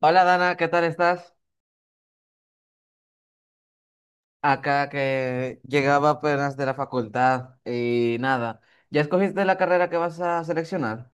Hola Dana, ¿qué tal estás? Acá que llegaba apenas de la facultad y nada, ¿ya escogiste la carrera que vas a seleccionar?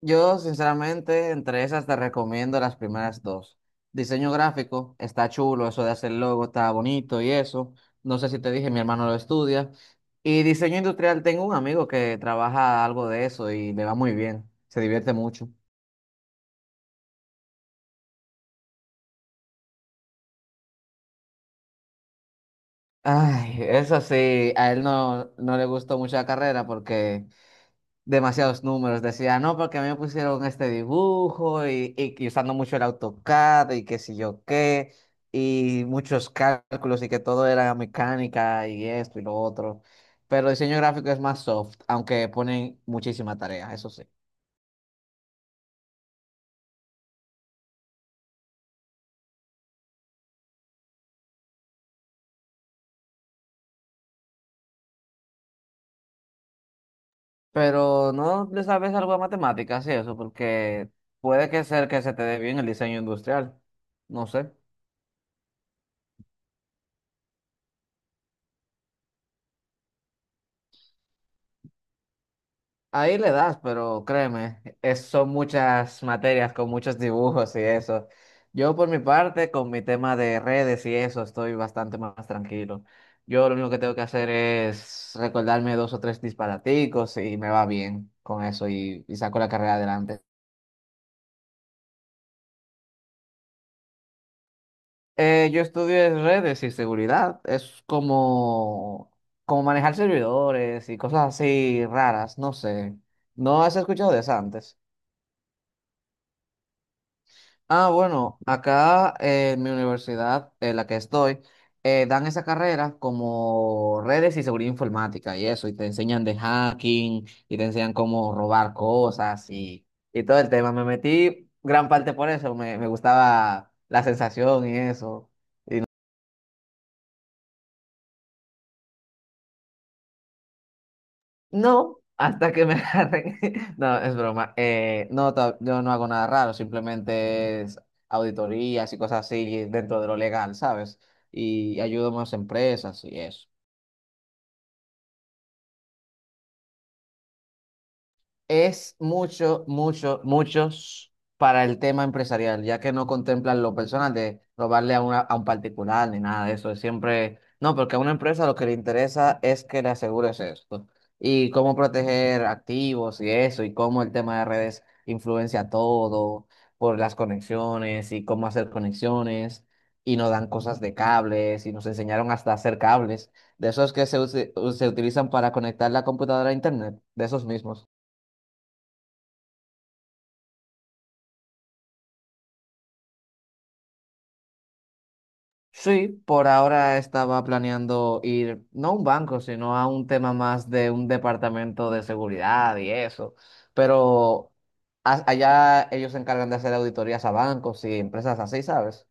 Yo sinceramente entre esas te recomiendo las primeras dos. Diseño gráfico, está chulo, eso de hacer logo está bonito y eso. No sé si te dije, mi hermano lo estudia. Y diseño industrial, tengo un amigo que trabaja algo de eso y le va muy bien, se divierte mucho. Ay, eso sí, a él no, no le gustó mucho la carrera porque demasiados números. Decía, no, porque a mí me pusieron este dibujo y usando mucho el AutoCAD y qué sé yo qué, y muchos cálculos y que todo era mecánica y esto y lo otro. Pero diseño gráfico es más soft, aunque ponen muchísima tarea, eso sí. Pero no le sabes algo de matemáticas y eso, porque puede que ser que se te dé bien el diseño industrial. No sé. Ahí le das, pero créeme, son muchas materias con muchos dibujos y eso. Yo por mi parte, con mi tema de redes y eso, estoy bastante más tranquilo. Yo lo único que tengo que hacer es recordarme dos o tres disparaticos y me va bien con eso y saco la carrera adelante. Yo estudié redes y seguridad. Es como, como manejar servidores y cosas así raras, no sé. ¿No has escuchado de eso antes? Ah, bueno, acá en mi universidad, en la que estoy, dan esa carrera como redes y seguridad informática y eso, y te enseñan de hacking, y te enseñan cómo robar cosas y todo el tema. Me metí gran parte por eso, me gustaba la sensación y eso. No, hasta que me agarren. No, es broma. No, yo no hago nada raro, simplemente es auditorías y cosas así dentro de lo legal, ¿sabes? Y ayudo más empresas y eso. Es mucho, mucho, muchos para el tema empresarial, ya que no contemplan lo personal de robarle a, una, a un particular ni nada de eso. Es siempre, no, porque a una empresa lo que le interesa es que le asegures esto. Y cómo proteger activos y eso, y cómo el tema de redes influencia todo por las conexiones y cómo hacer conexiones. Y nos dan cosas de cables y nos enseñaron hasta hacer cables, de esos que se utilizan para conectar la computadora a internet, de esos mismos. Sí, por ahora estaba planeando ir no a un banco, sino a un tema más de un departamento de seguridad y eso. Pero allá ellos se encargan de hacer auditorías a bancos y empresas así, ¿sabes?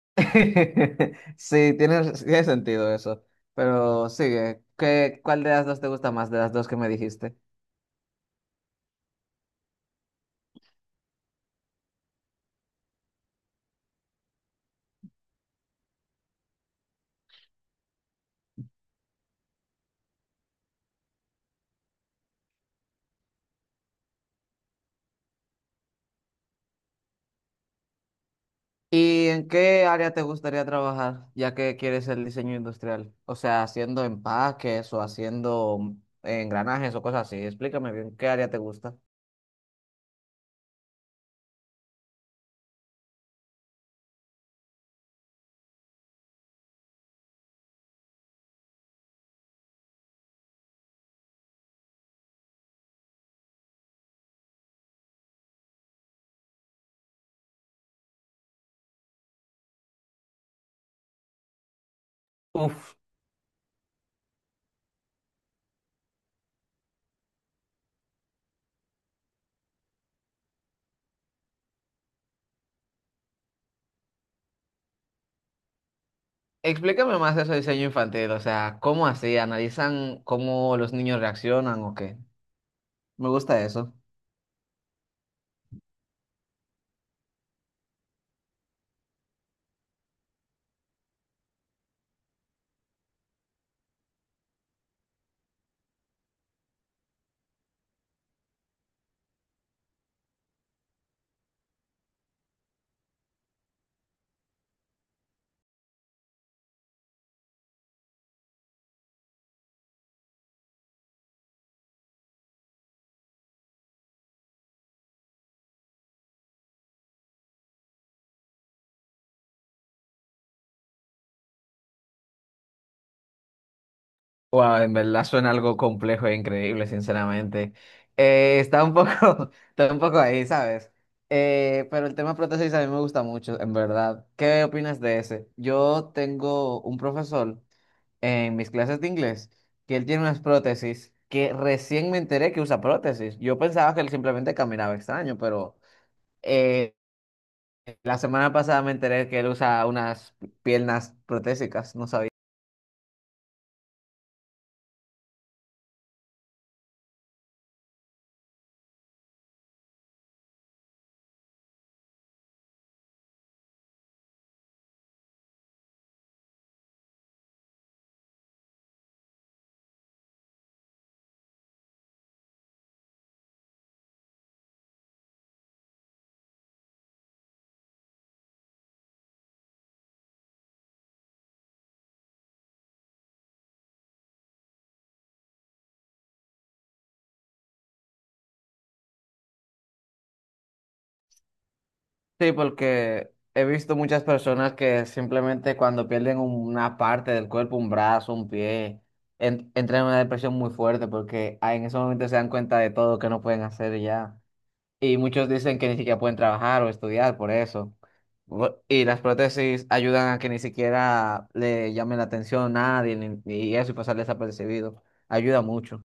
Sí, tiene sentido eso. Pero sigue. ¿Qué, cuál de las dos te gusta más de las dos que me dijiste? ¿Y en qué área te gustaría trabajar, ya que quieres el diseño industrial? O sea, haciendo empaques o haciendo engranajes o cosas así. Explícame bien, ¿qué área te gusta? Uf, explícame más eso de diseño infantil, o sea, ¿cómo así? ¿Analizan cómo los niños reaccionan o qué? Me gusta eso. Wow, en verdad suena algo complejo e increíble, sinceramente. Está un poco, está un poco ahí, ¿sabes? Pero el tema prótesis a mí me gusta mucho, en verdad. ¿Qué opinas de ese? Yo tengo un profesor en mis clases de inglés que él tiene unas prótesis que recién me enteré que usa prótesis. Yo pensaba que él simplemente caminaba extraño, pero eh, la semana pasada me enteré que él usa unas piernas protésicas, no sabía. Sí, porque he visto muchas personas que simplemente cuando pierden una parte del cuerpo, un brazo, un pie, entran en una depresión muy fuerte porque ah, en ese momento se dan cuenta de todo que no pueden hacer y ya. Y muchos dicen que ni siquiera pueden trabajar o estudiar por eso. Y las prótesis ayudan a que ni siquiera le llamen la atención a nadie y eso y pasar desapercibido. Ayuda mucho.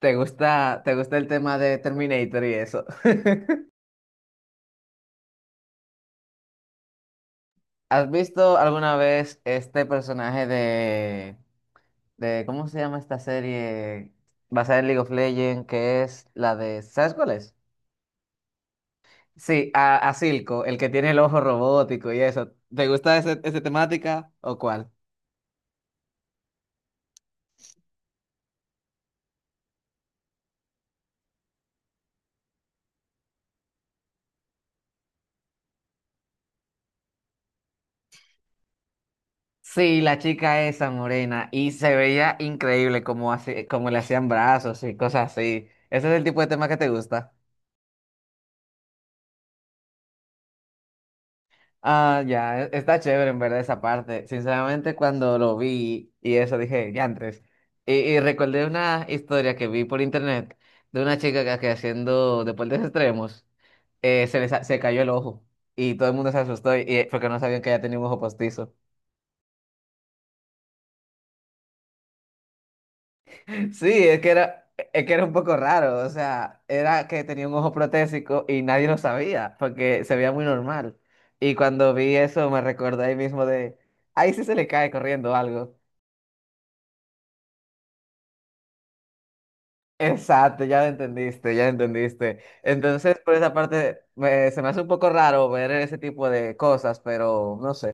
¿Te gusta el tema de Terminator y eso? ¿Has visto alguna vez este personaje de cómo se llama esta serie basada en League of Legends? Que es la de, ¿sabes cuál es? Sí, a Silco, el que tiene el ojo robótico y eso. ¿Te gusta esa temática o cuál? Sí, la chica esa morena y se veía increíble como, así, como le hacían brazos y cosas así. ¿Ese es el tipo de tema que te gusta? Ah, ya, está chévere en verdad esa parte. Sinceramente, cuando lo vi y eso dije, diantres. Y recordé una historia que vi por internet de una chica que haciendo deportes extremos se cayó el ojo y todo el mundo se asustó y porque no sabían que ella tenía un ojo postizo. Sí, es que era un poco raro, o sea, era que tenía un ojo protésico y nadie lo sabía porque se veía muy normal. Y cuando vi eso me recordé ahí mismo de, ahí sí se le cae corriendo algo. Exacto, ya lo entendiste, ya lo entendiste. Entonces, por esa parte, se me hace un poco raro ver ese tipo de cosas, pero no sé.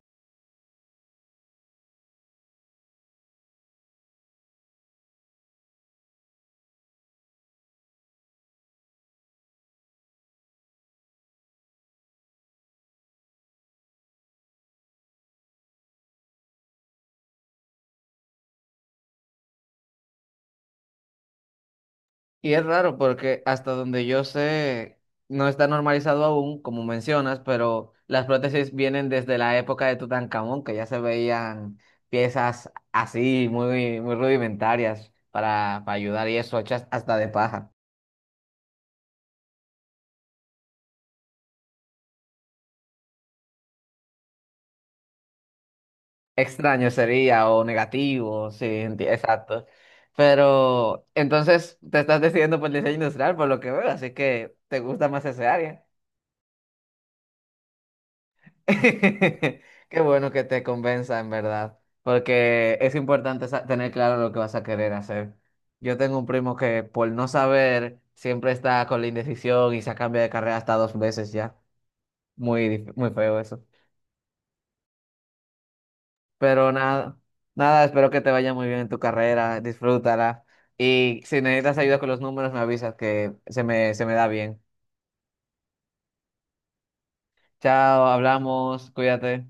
Y es raro porque hasta donde yo sé, no está normalizado aún, como mencionas, pero las prótesis vienen desde la época de Tutankamón, que ya se veían piezas así, muy rudimentarias para ayudar y eso, hechas hasta de paja. Extraño sería o negativo, sí, exacto. Pero entonces te estás decidiendo por el diseño industrial, por lo que veo, así que te gusta más ese área. Qué bueno que te convenza, en verdad, porque es importante tener claro lo que vas a querer hacer. Yo tengo un primo que por no saber siempre está con la indecisión y se cambia de carrera hasta dos veces ya. Muy, muy feo. Pero nada, nada, espero que te vaya muy bien en tu carrera, disfrútala. Y si necesitas ayuda con los números, me avisas que se me da bien. Chao, hablamos, cuídate.